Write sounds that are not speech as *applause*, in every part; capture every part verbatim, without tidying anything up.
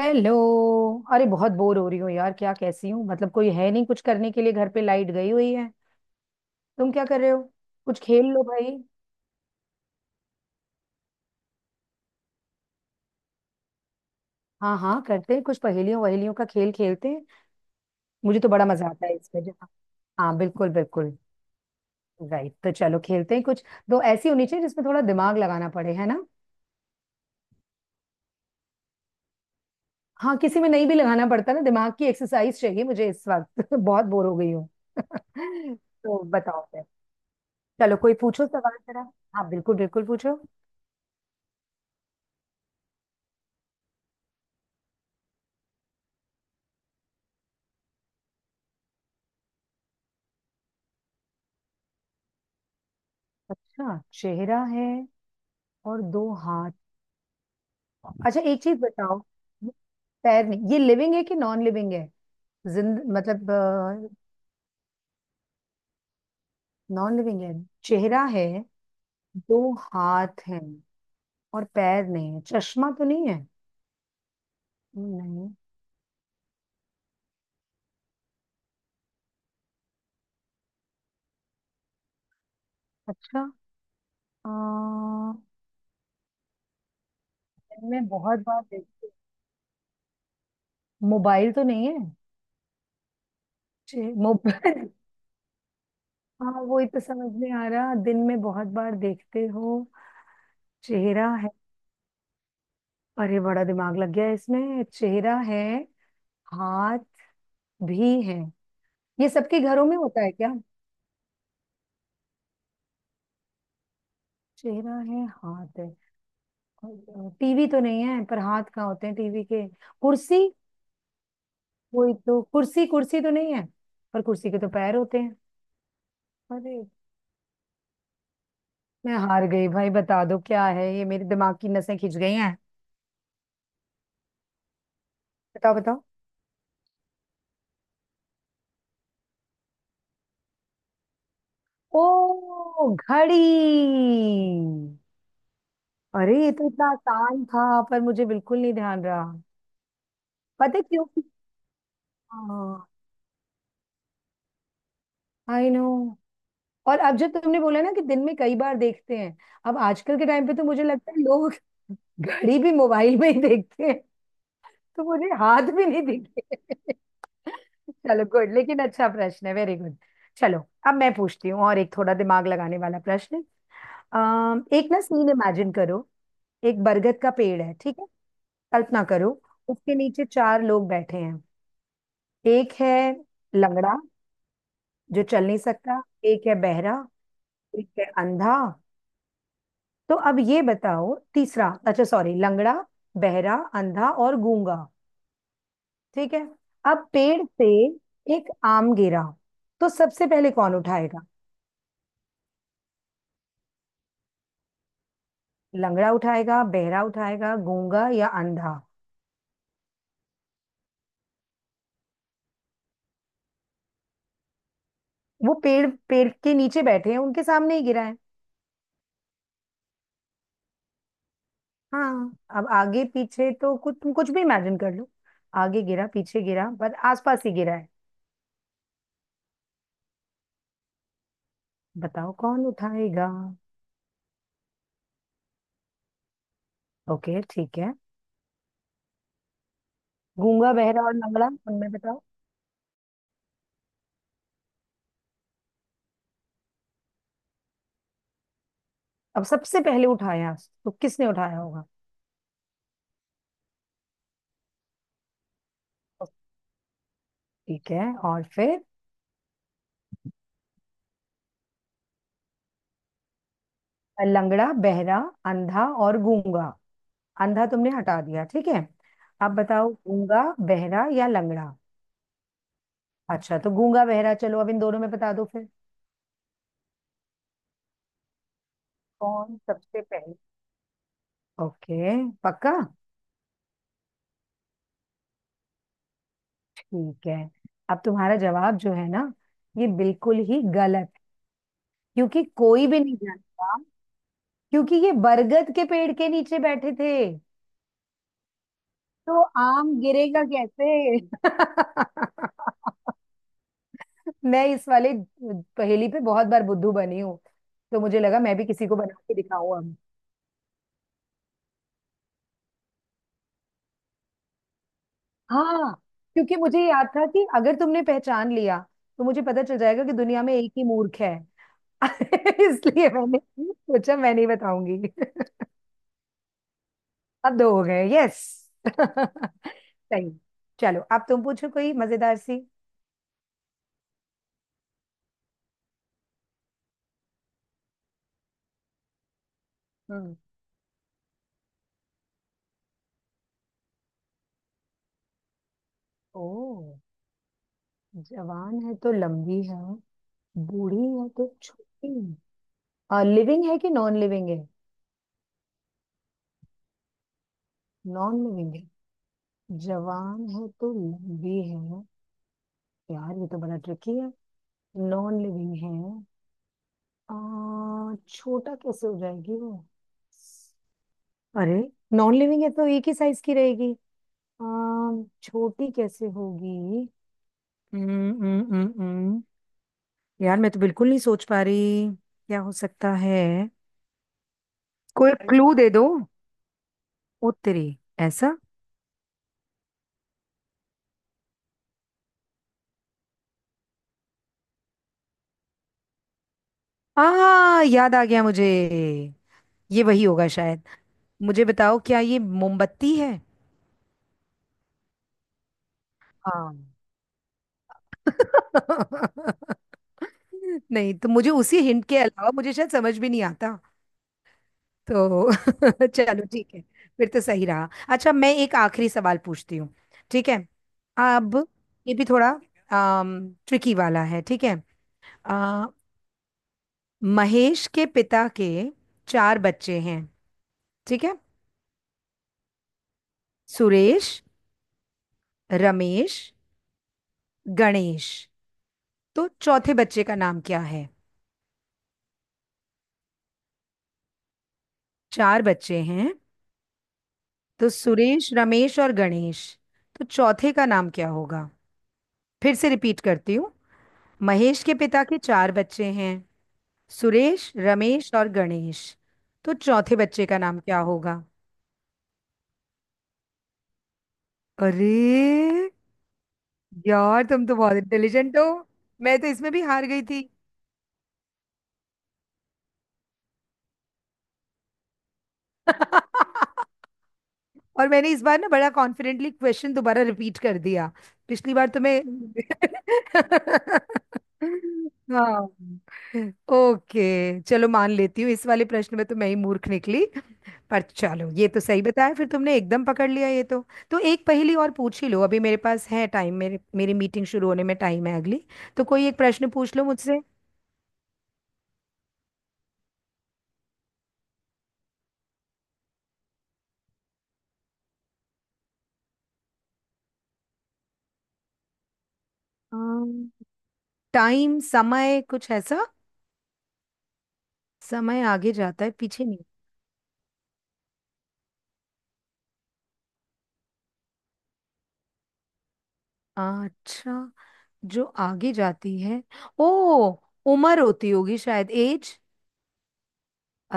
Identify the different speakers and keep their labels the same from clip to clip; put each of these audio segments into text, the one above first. Speaker 1: Hello. अरे बहुत bore हो रही हूँ यार। क्या कैसी हूँ मतलब, कोई है नहीं कुछ करने के लिए। घर पे लाइट गई हुई है। तुम क्या कर रहे हो? कुछ खेल लो भाई। हाँ हाँ, करते हैं कुछ। पहेलियों वहेलियों का खेल खेलते हैं। मुझे तो बड़ा मजा आता है इसमें जो। हाँ बिल्कुल बिल्कुल। राइट, तो चलो खेलते हैं कुछ। दो ऐसी होनी चाहिए जिसमें थोड़ा दिमाग लगाना पड़े, है ना। हाँ, किसी में नहीं भी लगाना पड़ता ना। दिमाग की एक्सरसाइज चाहिए मुझे इस वक्त। *laughs* बहुत बोर हो गई हूँ। *laughs* तो बताओ फिर। चलो कोई पूछो सवाल जरा। हाँ बिल्कुल बिल्कुल, पूछो। अच्छा, चेहरा है। और दो हाथ। अच्छा, एक चीज बताओ। ये पैर नहीं, ये लिविंग है कि नॉन लिविंग है? जिंद मतलब। नॉन लिविंग है। चेहरा है। दो हाथ हैं। और पैर नहीं है। चश्मा तो नहीं है? नहीं। अच्छा। आ, मैं बहुत बार देखती हूँ। मोबाइल तो नहीं है? चे- मोबाइल *laughs* हाँ, वही तो समझ में आ रहा, दिन में बहुत बार देखते हो। चेहरा है। अरे बड़ा दिमाग लग गया इसमें। चेहरा है, हाथ भी है। ये सबके घरों में होता है क्या? चेहरा है, हाथ है। टीवी तो नहीं है, पर हाथ कहाँ होते हैं टीवी के। कुर्सी। वही तो, कुर्सी कुर्सी तो नहीं है, पर कुर्सी के तो पैर होते हैं। अरे, मैं हार गई भाई, बता दो क्या है ये। मेरे दिमाग की नसें खिंच गई हैं। बताओ बताओ। ओ, घड़ी। अरे ये तो इतना आसान था, पर मुझे बिल्कुल नहीं ध्यान रहा। पता है क्यों। हाँ। I know. और अब जो तुमने बोला ना कि दिन में कई बार देखते हैं, अब आजकल के टाइम पे तो मुझे लगता है लोग घड़ी भी मोबाइल में ही देखते हैं। तो मुझे हाथ भी नहीं दिखे। *laughs* चलो गुड, लेकिन अच्छा प्रश्न है, वेरी गुड। चलो, अब मैं पूछती हूँ और एक थोड़ा दिमाग लगाने वाला प्रश्न। अम, एक ना सीन इमेजिन करो। एक बरगद का पेड़ है, ठीक है। कल्पना करो। उसके नीचे चार लोग बैठे हैं। एक है लंगड़ा जो चल नहीं सकता, एक है बहरा, एक है अंधा। तो अब ये बताओ, तीसरा, अच्छा सॉरी, लंगड़ा, बहरा, अंधा और गूंगा, ठीक है। अब पेड़ से एक आम गिरा। तो सबसे पहले कौन उठाएगा? लंगड़ा उठाएगा, बहरा उठाएगा, गूंगा या अंधा? वो पेड़, पेड़ के नीचे बैठे हैं, उनके सामने ही गिरा है। हाँ, अब आगे पीछे तो कुछ, तुम कुछ भी इमेजिन कर लो। आगे गिरा, पीछे गिरा, पर आसपास ही गिरा है। बताओ कौन उठाएगा। ओके, ठीक है। गूंगा, बहरा और लंगड़ा, उनमें बताओ। अब सबसे पहले उठाया तो किसने उठाया होगा? ठीक है, और फिर? लंगड़ा, बहरा, अंधा और गूंगा। अंधा तुमने हटा दिया, ठीक है। अब बताओ, गूंगा, बहरा या लंगड़ा। अच्छा, तो गूंगा बहरा, चलो अब इन दोनों में बता दो फिर। कौन सबसे पहले? ओके, पक्का? ठीक है। अब तुम्हारा जवाब जो है ना, ये बिल्कुल ही गलत। क्योंकि कोई भी नहीं जानता। क्योंकि ये बरगद के पेड़ के नीचे बैठे थे। तो आम गिरेगा कैसे *laughs* मैं इस वाले पहेली पे बहुत बार बुद्धू बनी हूँ। तो मुझे लगा मैं भी किसी को बना के दिखाऊं अब। हाँ, क्योंकि मुझे याद था कि अगर तुमने पहचान लिया तो मुझे पता चल जाएगा कि दुनिया में एक ही मूर्ख है। *laughs* इसलिए मैंने सोचा मैं नहीं बताऊंगी। *laughs* अब दो हो गए, यस। *laughs* सही। चलो अब तुम पूछो कोई मजेदार सी। हम्म। ओ, जवान है तो लंबी है, बूढ़ी या तो छोटी है। लिविंग है कि नॉन लिविंग है? नॉन लिविंग है। जवान है तो लंबी है। यार ये तो बड़ा ट्रिकी है। नॉन लिविंग है। आ, छोटा कैसे हो जाएगी वो। अरे, नॉन लिविंग है तो एक ही साइज की रहेगी। आ, छोटी कैसे होगी। हम्म हम्म हम्म हम्म। यार मैं तो बिल्कुल नहीं सोच पा रही। क्या हो सकता है। कोई क्लू दे दो। उत्तरी ऐसा। आ याद आ गया मुझे। ये वही होगा शायद। मुझे बताओ, क्या ये मोमबत्ती है? हाँ। *laughs* नहीं तो मुझे उसी हिंट के अलावा मुझे शायद समझ भी नहीं आता। तो *laughs* चलो ठीक है। फिर तो सही रहा। अच्छा मैं एक आखिरी सवाल पूछती हूँ, ठीक है। अब ये भी थोड़ा ट्रिकी वाला है, ठीक है। आ, महेश के पिता के चार बच्चे हैं, ठीक है। सुरेश, रमेश, गणेश, तो चौथे बच्चे का नाम क्या है? चार बच्चे हैं। तो सुरेश, रमेश और गणेश, तो चौथे का नाम क्या होगा? फिर से रिपीट करती हूँ। महेश के पिता के चार बच्चे हैं। सुरेश, रमेश और गणेश। तो चौथे बच्चे का नाम क्या होगा? अरे यार, तुम तो बहुत इंटेलिजेंट हो। मैं तो इसमें भी हार गई थी। *laughs* और मैंने इस बार ना बड़ा कॉन्फिडेंटली क्वेश्चन दोबारा रिपीट कर दिया, पिछली बार तुम्हें। *laughs* हाँ। ओके चलो, मान लेती हूँ इस वाले प्रश्न में तो मैं ही मूर्ख निकली। पर चलो, ये तो सही बताया फिर तुमने, एकदम पकड़ लिया ये तो। तो एक पहेली और पूछ ही लो, अभी मेरे पास है टाइम, मेरे मेरी मीटिंग शुरू होने में टाइम है अगली। तो कोई एक प्रश्न पूछ लो मुझसे। अम्म, टाइम, समय, कुछ ऐसा। समय आगे जाता है पीछे नहीं। अच्छा, जो आगे जाती है। ओ, उम्र होती होगी शायद, एज।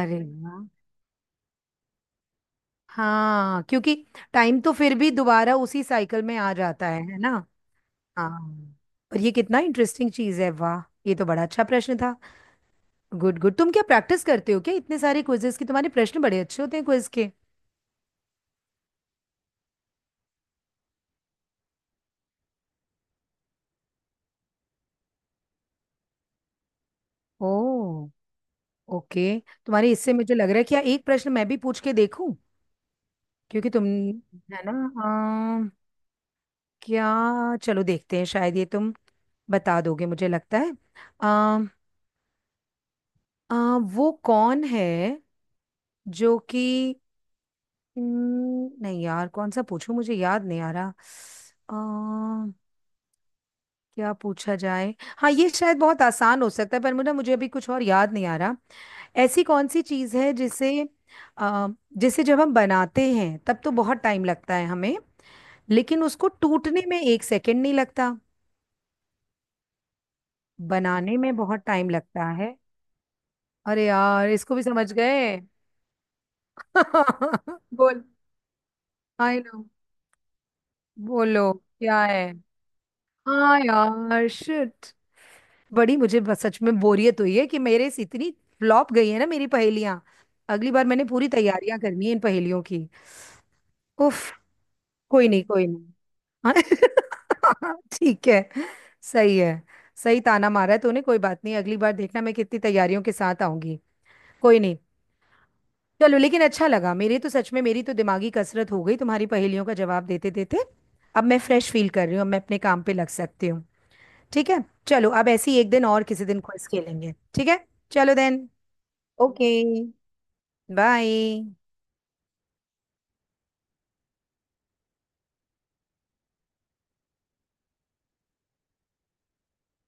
Speaker 1: अरे वाह। हाँ, क्योंकि टाइम तो फिर भी दोबारा उसी साइकिल में आ जाता है है ना। हाँ। और ये कितना इंटरेस्टिंग चीज है, वाह। ये तो बड़ा अच्छा प्रश्न था। गुड गुड, तुम क्या प्रैक्टिस करते हो क्या इतने सारे क्विजेस की? तुम्हारे प्रश्न बड़े अच्छे होते हैं क्विज के। ओ, ओके। तुम्हारे इससे मुझे लग रहा है कि यार एक प्रश्न मैं भी पूछ के देखूं, क्योंकि तुम, है ना। हाँ। क्या? चलो देखते हैं, शायद ये तुम बता दोगे मुझे लगता है। आ, आ, वो कौन है जो कि हम्म, नहीं यार कौन सा पूछूं, मुझे याद नहीं आ रहा। आ, क्या पूछा जाए। हाँ ये शायद बहुत आसान हो सकता है, पर मुझे मुझे अभी कुछ और याद नहीं आ रहा। ऐसी कौन सी चीज़ है जिसे आ, जिसे जब हम बनाते हैं तब तो बहुत टाइम लगता है हमें, लेकिन उसको टूटने में एक सेकंड नहीं लगता। बनाने में बहुत टाइम लगता है। अरे यार इसको भी समझ गए। *laughs* बोल। I know. बोलो क्या है। हाँ यार, शिट। बड़ी मुझे बस सच में बोरियत हुई है कि मेरे से इतनी फ्लॉप गई है ना मेरी पहेलियां। अगली बार मैंने पूरी तैयारियां करनी है इन पहेलियों की। उफ। कोई नहीं, कोई नहीं। हाँ। *laughs* ठीक है। सही है। सही ताना मारा है तूने, कोई बात नहीं, अगली बार देखना मैं कितनी तैयारियों के साथ आऊंगी। कोई नहीं। चलो, लेकिन अच्छा लगा मेरे तो, सच में मेरी तो दिमागी कसरत हो गई तुम्हारी पहेलियों का जवाब देते देते। अब मैं फ्रेश फील कर रही हूँ, अब मैं अपने काम पे लग सकती हूँ। ठीक है चलो, अब ऐसी एक दिन, और किसी दिन क्विज खेलेंगे, ठीक है। चलो देन। ओके। बाय।